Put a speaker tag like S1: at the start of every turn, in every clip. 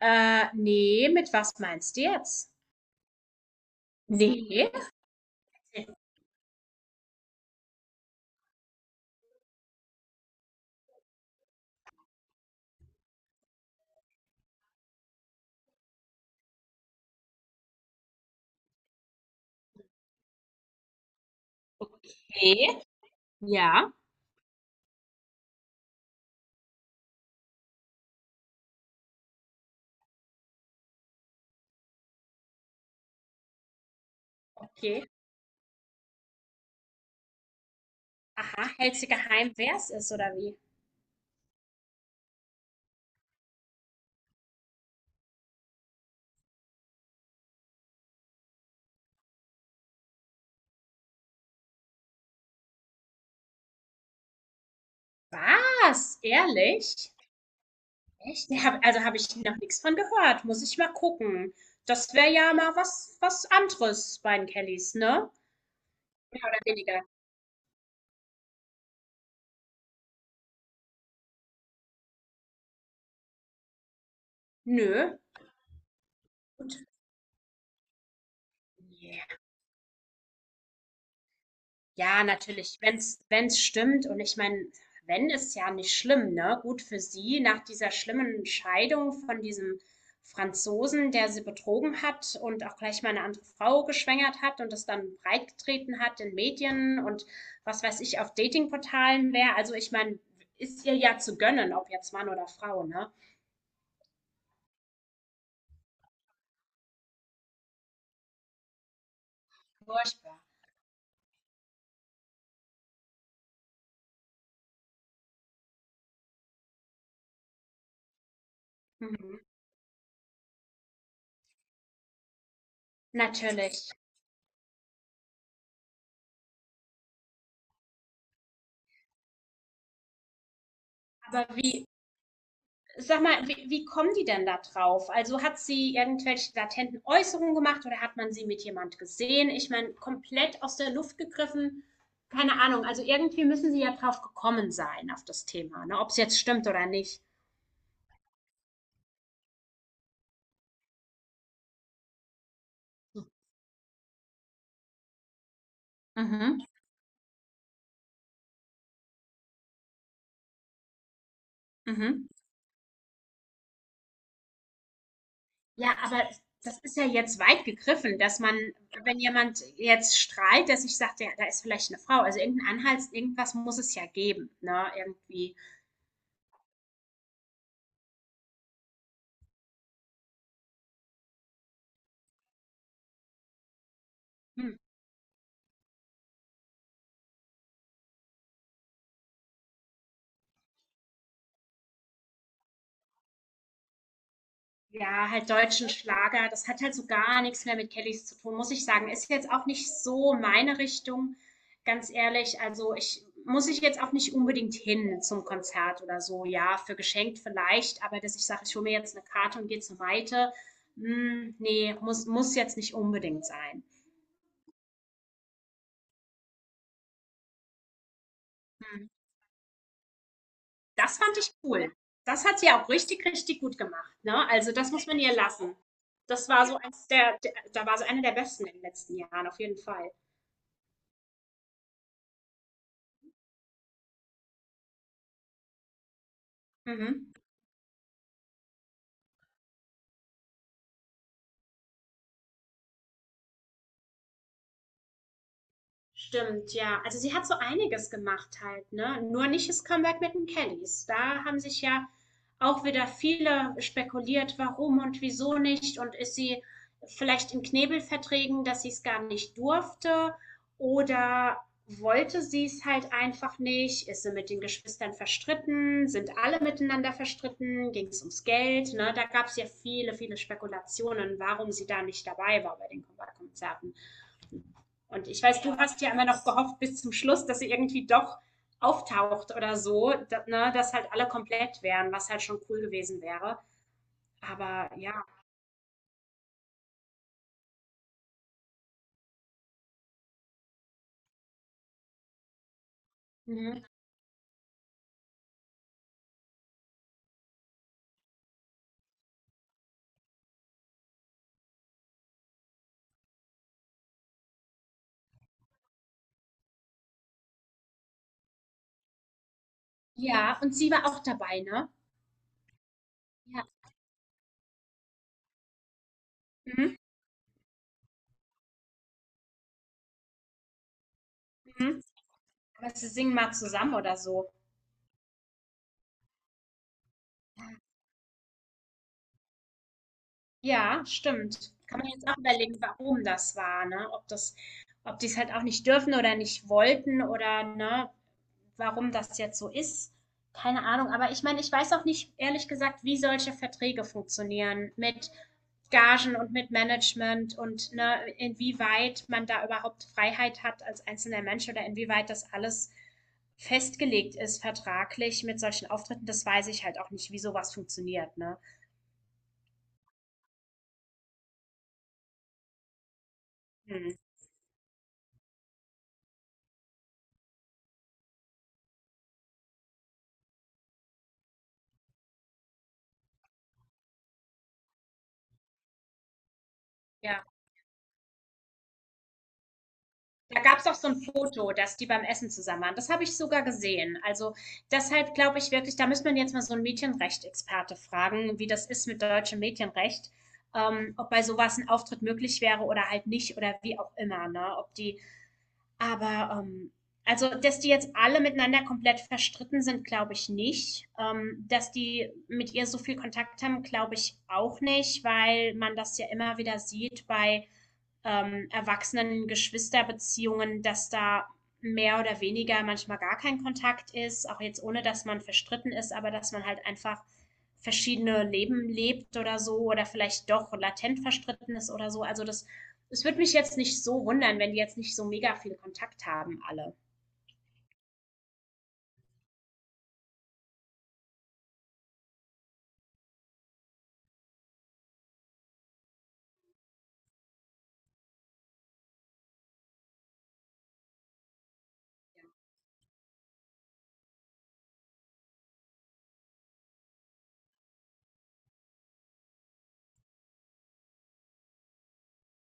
S1: Ne, mit was meinst du jetzt? Ne. Ne, ja. Okay. Aha, hältst du geheim, wer es ist oder wie? Was? Ehrlich? Echt? Ja, also habe ich noch nichts von gehört. Muss ich mal gucken. Das wäre ja mal was anderes bei den Kellys, ne? Mehr oder weniger. Nö. Gut. Ja. Ja, natürlich, wenn's stimmt, und ich meine, wenn ist ja nicht schlimm, ne? Gut für sie nach dieser schlimmen Scheidung von diesem Franzosen, der sie betrogen hat und auch gleich mal eine andere Frau geschwängert hat und das dann breitgetreten hat in Medien und was weiß ich, auf Datingportalen wäre. Also, ich meine, ist ihr ja zu gönnen, ob jetzt Mann oder Frau, ne? Furchtbar. Mhm. Natürlich. Aber wie Sag mal, wie kommen die denn da drauf? Also hat sie irgendwelche latenten Äußerungen gemacht oder hat man sie mit jemand gesehen? Ich meine, komplett aus der Luft gegriffen. Keine Ahnung. Also irgendwie müssen sie ja drauf gekommen sein auf das Thema, ne? Ob es jetzt stimmt oder nicht. Mhm, mhm. Ja, aber das ist ja jetzt weit gegriffen, wenn jemand jetzt strahlt, dass ich sage, ja, da ist vielleicht eine Frau. Also irgendein Anhalt, irgendwas muss es ja geben, ne? Irgendwie. Hm. Ja, halt deutschen Schlager, das hat halt so gar nichts mehr mit Kellys zu tun, muss ich sagen. Ist jetzt auch nicht so meine Richtung, ganz ehrlich. Also, ich muss ich jetzt auch nicht unbedingt hin zum Konzert oder so. Ja, für geschenkt vielleicht, aber dass ich sage, ich hole mir jetzt eine Karte und gehe zu Maite, hm, ne, muss jetzt nicht unbedingt sein. Mhm. Das fand ich cool. Das hat sie auch richtig, richtig gut gemacht, ne? Also, das muss man ihr lassen. Das war so eins der da war so eine der besten in den letzten Jahren, auf jeden Fall. Mhm. Stimmt, ja. Also sie hat so einiges gemacht halt, ne? Nur nicht das Comeback mit den Kellys. Da haben sich ja auch wieder viele spekuliert, warum und wieso nicht. Und ist sie vielleicht in Knebelverträgen, dass sie es gar nicht durfte? Oder wollte sie es halt einfach nicht? Ist sie mit den Geschwistern verstritten? Sind alle miteinander verstritten? Ging es ums Geld? Ne? Da gab es ja viele, viele Spekulationen, warum sie da nicht dabei war bei den Comeback-Konzerten. Und ich weiß, du hast ja immer noch gehofft bis zum Schluss, dass sie irgendwie doch auftaucht oder so, dass, ne, dass halt alle komplett wären, was halt schon cool gewesen wäre. Aber ja. Mhm. Ja, und sie war auch dabei, ne? Ja. Mhm. Mhm. Aber sie singen mal zusammen oder so. Ja, stimmt. Kann man jetzt auch überlegen, warum das war, ne? Ob die es halt auch nicht dürfen oder nicht wollten, oder ne, warum das jetzt so ist. Keine Ahnung. Aber ich meine, ich weiß auch nicht, ehrlich gesagt, wie solche Verträge funktionieren mit Gagen und mit Management und ne, inwieweit man da überhaupt Freiheit hat als einzelner Mensch oder inwieweit das alles festgelegt ist vertraglich mit solchen Auftritten. Das weiß ich halt auch nicht, wie sowas funktioniert, ne? Hm. Ja. Da gab's auch so ein Foto, dass die beim Essen zusammen waren. Das habe ich sogar gesehen. Also, deshalb glaube ich wirklich, da müsste man jetzt mal so 'n Medienrechtsexperte fragen, wie das ist mit deutschem Medienrecht, ob bei sowas ein Auftritt möglich wäre oder halt nicht oder wie auch immer, ne? Aber, ähm also, dass die jetzt alle miteinander komplett verstritten sind, glaube ich nicht. Dass die mit ihr so viel Kontakt haben, glaube ich auch nicht, weil man das ja immer wieder sieht bei erwachsenen Geschwisterbeziehungen, dass da mehr oder weniger manchmal gar kein Kontakt ist, auch jetzt ohne, dass man verstritten ist, aber dass man halt einfach verschiedene Leben lebt oder so oder vielleicht doch latent verstritten ist oder so. Es würde mich jetzt nicht so wundern, wenn die jetzt nicht so mega viel Kontakt haben, alle.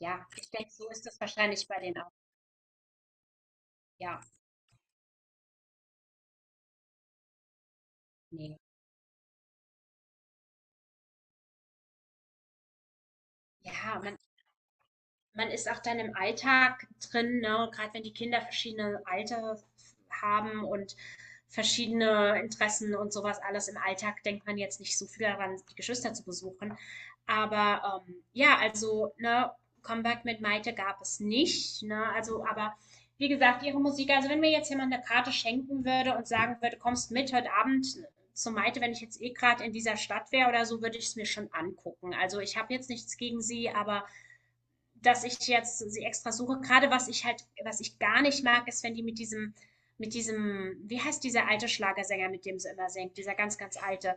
S1: Ja, ich denke, so ist das wahrscheinlich bei denen auch. Ja, nee. Ja, man ist auch dann im Alltag drin, ne? Gerade wenn die Kinder verschiedene Alter haben und verschiedene Interessen und sowas alles. Im Alltag denkt man jetzt nicht so viel daran, die Geschwister zu besuchen. Aber ja, also, ne, Comeback mit Maite gab es nicht, ne? Also, aber wie gesagt, ihre Musik, also wenn mir jetzt jemand eine Karte schenken würde und sagen würde, kommst mit heute Abend zu Maite, wenn ich jetzt eh gerade in dieser Stadt wäre oder so, würde ich es mir schon angucken. Also ich habe jetzt nichts gegen sie, aber dass ich jetzt sie extra suche. Gerade was ich halt, was ich gar nicht mag, ist, wenn die mit diesem, wie heißt dieser alte Schlagersänger, mit dem sie immer singt, dieser ganz, ganz alte.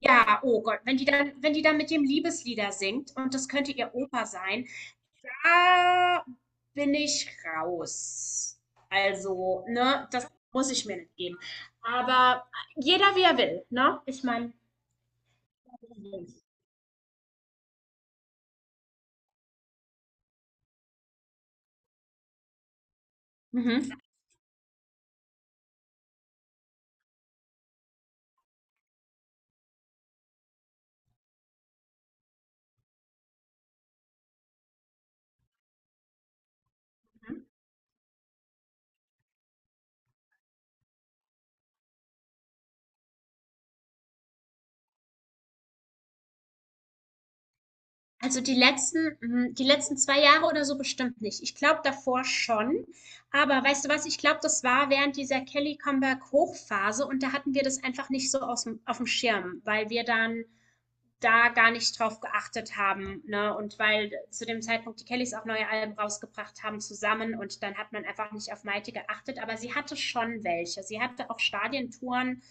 S1: Ja, oh Gott, wenn die dann mit dem Liebeslieder singt und das könnte ihr Opa sein, da bin ich raus. Also, ne, das muss ich mir nicht geben. Aber jeder wie er will, ne? Ich meine. Mhm. Mhm. Also die letzten, hm, die letzten 2 Jahre oder so bestimmt nicht. Ich glaube davor schon. Aber weißt du was, ich glaube, das war während dieser Kelly-Comeback-Hochphase und da hatten wir das einfach nicht so auf dem Schirm, weil wir dann da gar nicht drauf geachtet haben. Ne? Und weil zu dem Zeitpunkt die Kellys auch neue Alben rausgebracht haben zusammen und dann hat man einfach nicht auf Maite geachtet. Aber sie hatte schon welche. Sie hatte auch Stadientouren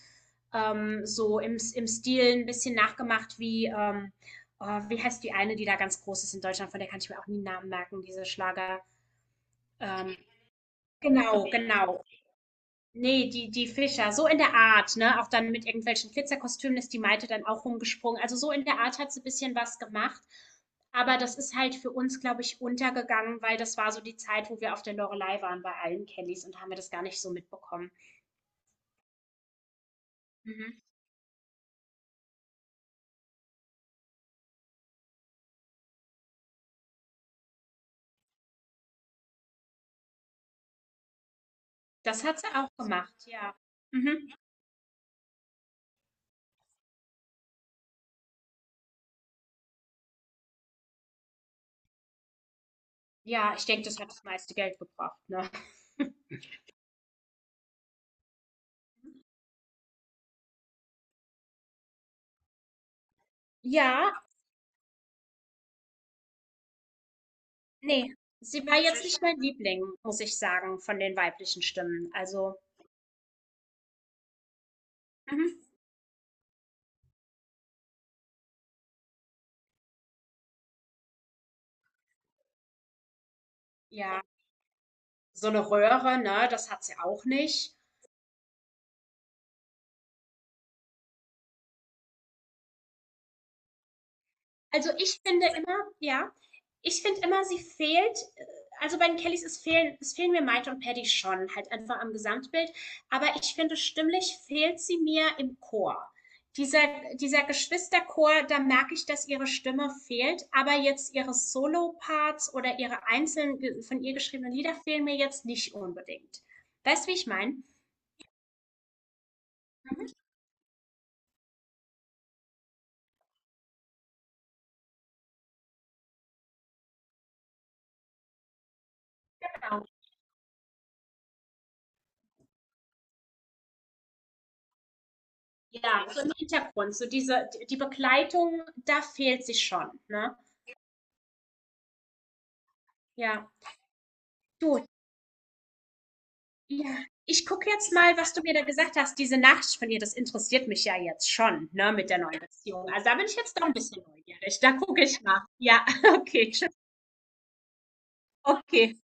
S1: so im Stil ein bisschen nachgemacht wie, oh, wie heißt die eine, die da ganz groß ist in Deutschland, von der kann ich mir auch nie einen Namen merken, diese Schlager. Ähm, genau, genau. Nee, die Fischer, so in der Art, ne? Auch dann mit irgendwelchen Glitzerkostümen ist die Maite dann auch rumgesprungen. Also, so in der Art hat sie ein bisschen was gemacht, aber das ist halt für uns, glaube ich, untergegangen, weil das war so die Zeit, wo wir auf der Loreley waren bei allen Kellys und haben wir das gar nicht so mitbekommen. Mhm. Das hat sie auch gemacht, ja. Mhm. Ja, ich denke, das hat das meiste Geld gebracht, ne? Ja, ne, sie war jetzt nicht mein Liebling, muss ich sagen, von den weiblichen Stimmen. Also mhm, ja, so eine Röhre, ne, das hat sie auch nicht. Also, ich finde immer ja, ich finde immer, sie fehlt also, bei den Kellys es fehlen mir Maite und Paddy schon, halt einfach am Gesamtbild. Aber ich finde, stimmlich fehlt sie mir im Chor. Dieser Dieser Geschwisterchor, da merke ich, dass ihre Stimme fehlt, aber jetzt ihre Solo-Parts oder ihre einzelnen von ihr geschriebenen Lieder fehlen mir jetzt nicht unbedingt. Weißt du, wie ich meine? Mhm, genau. Ja, so im Hintergrund, so diese die Begleitung, da fehlt sie schon, ne? Ja. Du, ja, ich gucke jetzt mal, was du mir da gesagt hast. Diese Nachricht von ihr, das interessiert mich ja jetzt schon, ne, mit der neuen Beziehung. Also, da bin ich jetzt doch ein bisschen neugierig. Da gucke ich mal. Ja, okay, tschüss. Okay,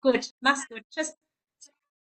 S1: gut. Mach's gut. Tschüss.